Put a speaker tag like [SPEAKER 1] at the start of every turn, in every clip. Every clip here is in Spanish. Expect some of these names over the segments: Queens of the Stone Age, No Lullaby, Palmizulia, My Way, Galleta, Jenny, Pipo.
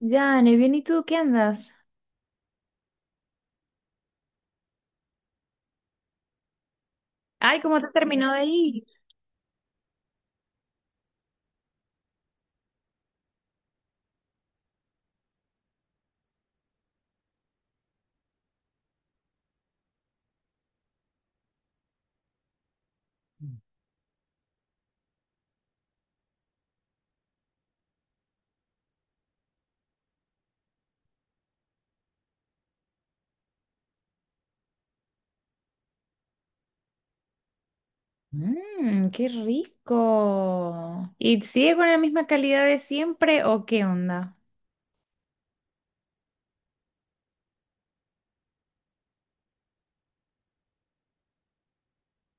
[SPEAKER 1] Ya, ne, bien, ¿y tú qué andas? Ay, ¿cómo te terminó de ir? Mmm, qué rico. ¿Y sigue con la misma calidad de siempre o qué onda?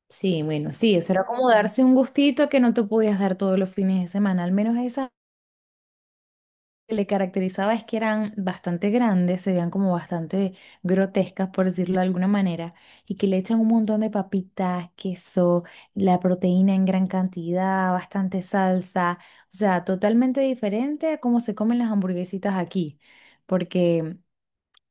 [SPEAKER 1] Sí, bueno, sí, eso era como darse un gustito que no te podías dar todos los fines de semana, al menos a esa. Que le caracterizaba es que eran bastante grandes, se veían como bastante grotescas, por decirlo de alguna manera, y que le echan un montón de papitas, queso, la proteína en gran cantidad, bastante salsa, o sea, totalmente diferente a cómo se comen las hamburguesitas aquí, porque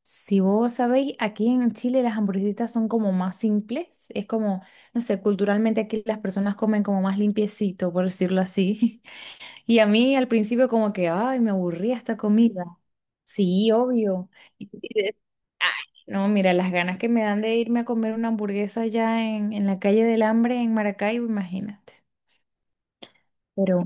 [SPEAKER 1] si vos sabéis, aquí en Chile las hamburguesitas son como más simples, es como, no sé, culturalmente aquí las personas comen como más limpiecito, por decirlo así. Y a mí al principio como que, ay, me aburría esta comida. Sí, obvio. Y- y de- Ay, no, mira, las ganas que me dan de irme a comer una hamburguesa allá en la calle del Hambre en Maracaibo, imagínate. Pero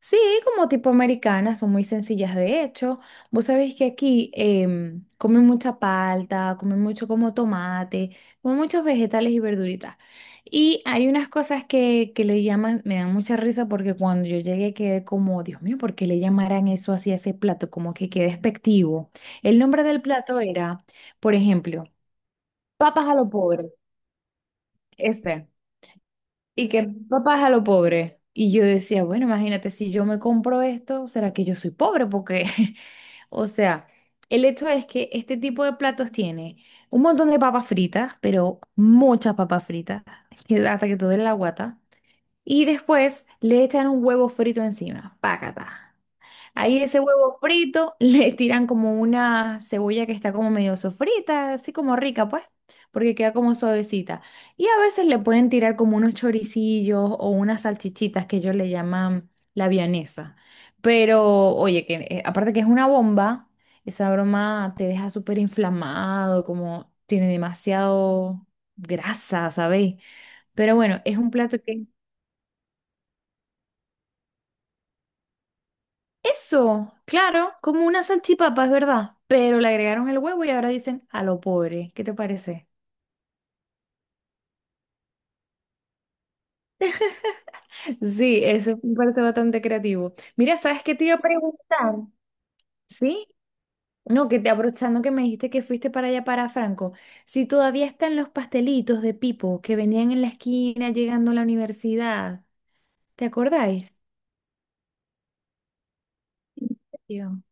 [SPEAKER 1] sí, como tipo americanas, son muy sencillas de hecho. Vos sabéis que aquí comen mucha palta, comen mucho como tomate, comen muchos vegetales y verduritas. Y hay unas cosas que le llaman, me dan mucha risa porque cuando yo llegué quedé como, Dios mío, ¿por qué le llamarán eso así a ese plato? Como que qué despectivo. El nombre del plato era, por ejemplo, papas a lo pobre, ese. Y que papá a lo pobre. Y yo decía, bueno, imagínate, si yo me compro esto, ¿será que yo soy pobre? Porque, o sea, el hecho es que este tipo de platos tiene un montón de papas fritas, pero muchas papas fritas, que hasta que todo duele la guata. Y después le echan un huevo frito encima, pácata. Ahí ese huevo frito le tiran como una cebolla que está como medio sofrita, así como rica, pues, porque queda como suavecita. Y a veces le pueden tirar como unos choricillos o unas salchichitas que ellos le llaman la vianesa. Pero, oye, que aparte que es una bomba, esa broma te deja súper inflamado, como tiene demasiado grasa, ¿sabéis? Pero bueno, es un plato que. Eso, claro, como una salchipapa, es verdad, pero le agregaron el huevo y ahora dicen a lo pobre. ¿Qué te parece? Sí, eso me parece bastante creativo. Mira, ¿sabes qué te iba a preguntar? ¿Sí? No, que te aprovechando que me dijiste que fuiste para allá para Franco, si todavía están los pastelitos de Pipo que venían en la esquina llegando a la universidad, ¿te acordáis? ¿En serio?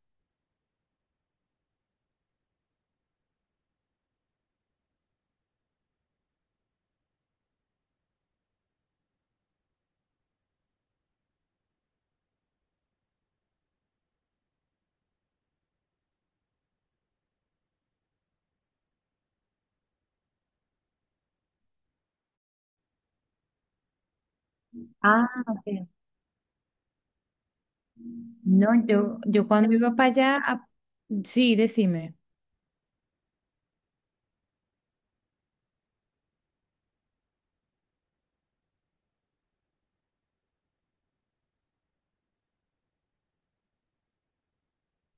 [SPEAKER 1] Ah, ok. No, yo cuando iba para allá, sí, decime.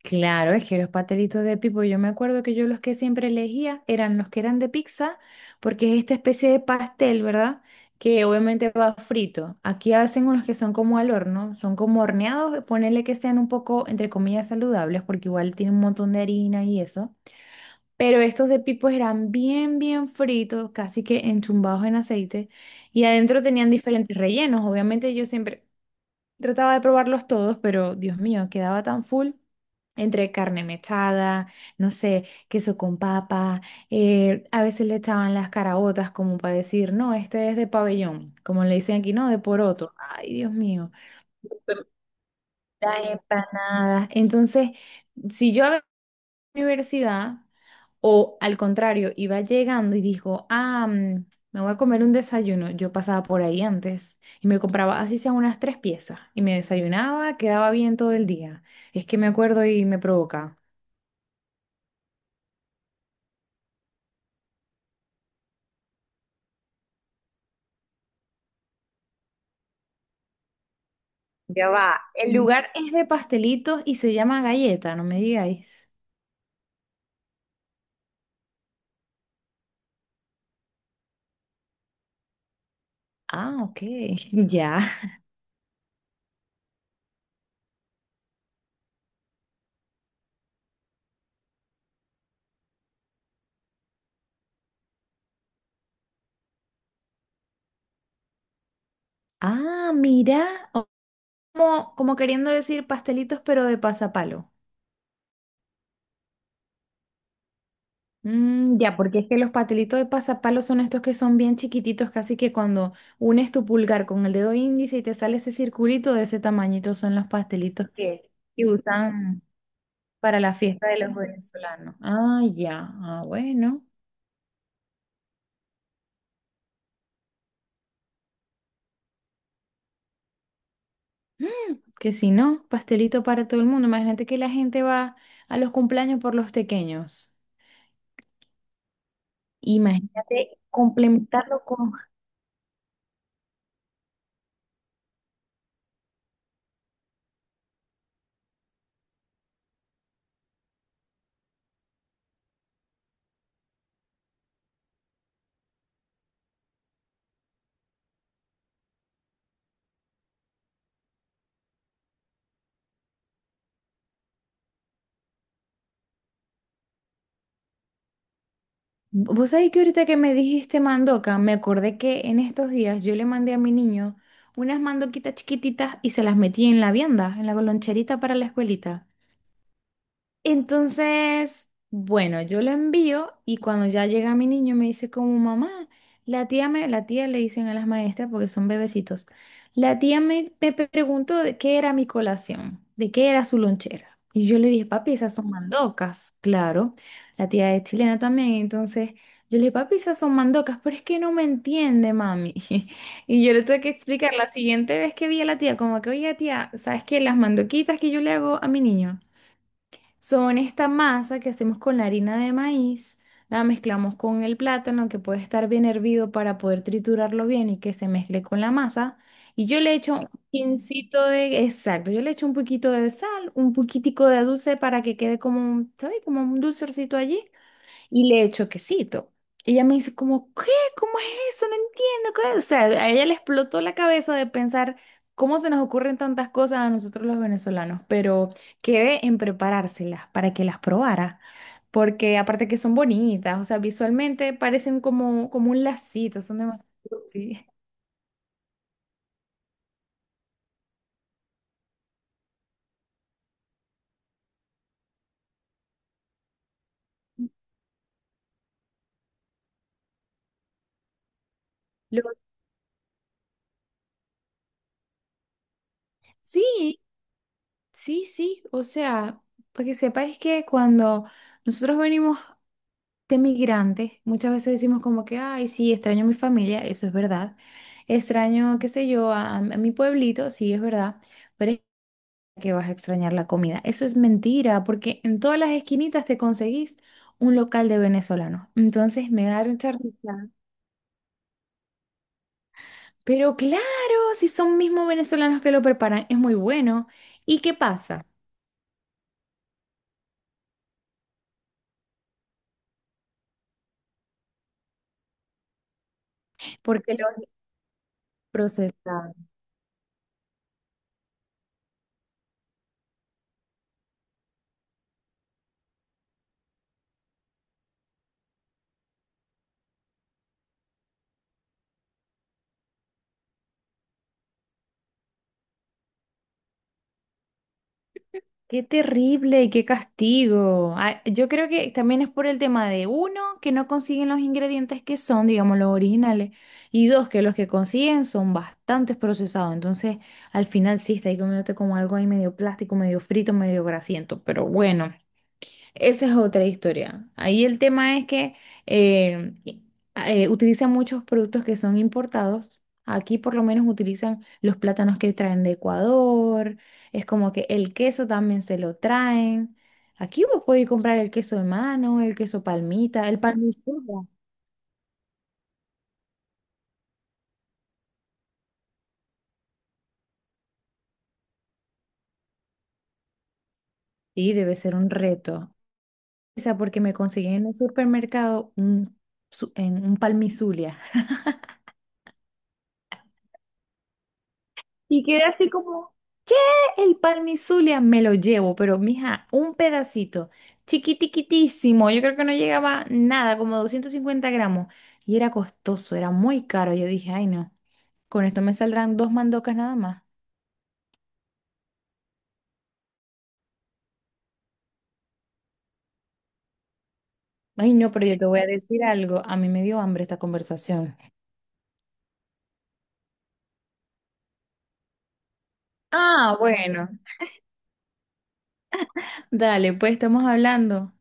[SPEAKER 1] Claro, es que los pastelitos de pipo, yo me acuerdo que yo los que siempre elegía eran los que eran de pizza, porque es esta especie de pastel, ¿verdad? Que obviamente va frito. Aquí hacen unos que son como al horno, son como horneados, ponerle que sean un poco, entre comillas, saludables, porque igual tiene un montón de harina y eso. Pero estos de pipo eran bien, bien fritos, casi que enchumbados en aceite, y adentro tenían diferentes rellenos. Obviamente yo siempre... Trataba de probarlos todos, pero Dios mío, quedaba tan full entre carne mechada, no sé, queso con papa, a veces le echaban las caraotas como para decir, no, este es de pabellón, como le dicen aquí, no, de poroto. Ay, Dios mío. Las empanadas. Entonces, si yo a universidad o al contrario, iba llegando y dijo, ah, me voy a comer un desayuno. Yo pasaba por ahí antes y me compraba así sea unas tres piezas y me desayunaba, quedaba bien todo el día. Es que me acuerdo y me provoca. Ya va. El lugar es de pastelitos y se llama Galleta, no me digáis. Ah, ok, ya. Ah, mira, o- como queriendo decir pastelitos pero de pasapalo. Mm, ya, porque es que los patelitos de pasapalos son estos que son bien chiquititos, casi que cuando unes tu pulgar con el dedo índice y te sale ese circulito de ese tamañito, son los pastelitos que usan para la fiesta de los venezolanos. Ah, ya, ah, bueno. Mm, que si no, pastelito para todo el mundo. Imagínate que la gente va a los cumpleaños por los pequeños. Imagínate complementarlo con. Vos sabés que ahorita que me dijiste mandoca, me acordé que en estos días yo le mandé a mi niño unas mandoquitas chiquititas y se las metí en la vianda, en la loncherita para la escuelita. Entonces, bueno, yo lo envío y cuando ya llega mi niño me dice como mamá, la tía le dicen a las maestras porque son bebecitos, la tía me preguntó de qué era mi colación, de qué era su lonchera. Y yo le dije, papi, esas son mandocas, claro. La tía es chilena también, entonces yo le dije, papi, esas son mandocas, pero es que no me entiende, mami. Y yo le tuve que explicar la siguiente vez que vi a la tía, como que, oye, tía, ¿sabes qué? Las mandoquitas que yo le hago a mi niño. Son esta masa que hacemos con la harina de maíz, la mezclamos con el plátano que puede estar bien hervido para poder triturarlo bien y que se mezcle con la masa. Y yo le echo un pincito de, exacto, yo le echo un poquito de sal, un poquitico de dulce para que quede como un, ¿sabes? Como un dulcercito allí. Y le echo quesito. Ella me dice como, ¿qué? ¿Cómo es eso? No entiendo. ¿Qué? O sea, a ella le explotó la cabeza de pensar cómo se nos ocurren tantas cosas a nosotros los venezolanos, pero quedé en preparárselas para que las probara, porque aparte que son bonitas, o sea, visualmente parecen como, como un lacito, son demasiado... Sí. Lo- sí, sí, sí, o sea, para que sepáis que cuando nosotros venimos de migrantes, muchas veces decimos como que, ay, sí, extraño a mi familia, eso es verdad. Extraño, qué sé yo, a mi pueblito, sí, es verdad, pero es que vas a extrañar la comida. Eso es mentira, porque en todas las esquinitas te conseguís un local de venezolanos. Entonces me da mucha risa. Pero claro, si son mismos venezolanos que lo preparan, es muy bueno. ¿Y qué pasa? Porque lo procesan. Qué terrible y qué castigo. Ah, yo creo que también es por el tema de uno, que no consiguen los ingredientes que son, digamos, los originales, y dos, que los que consiguen son bastante procesados. Entonces, al final sí, está ahí comiéndote como algo ahí medio plástico, medio frito, medio grasiento, pero bueno. Esa es otra historia. Ahí el tema es que eh, i- utilizan muchos productos que son importados. Aquí por lo menos utilizan los plátanos que traen de Ecuador. Es como que el queso también se lo traen. Aquí vos podés comprar el queso de mano, el queso palmita, el palmicillo. Sí, debe ser un reto. O sea, porque me conseguí en el supermercado en un palmizulia. Y quedé así como, ¿qué? El Palmizulia me lo llevo, pero mija, un pedacito, chiquitiquitísimo, yo creo que no llegaba nada, como 250 gramos, y era costoso, era muy caro. Yo dije, ay no, con esto me saldrán dos mandocas nada más. Ay no, pero yo te voy a decir algo, a mí me dio hambre esta conversación. Ah, bueno, dale, pues estamos hablando.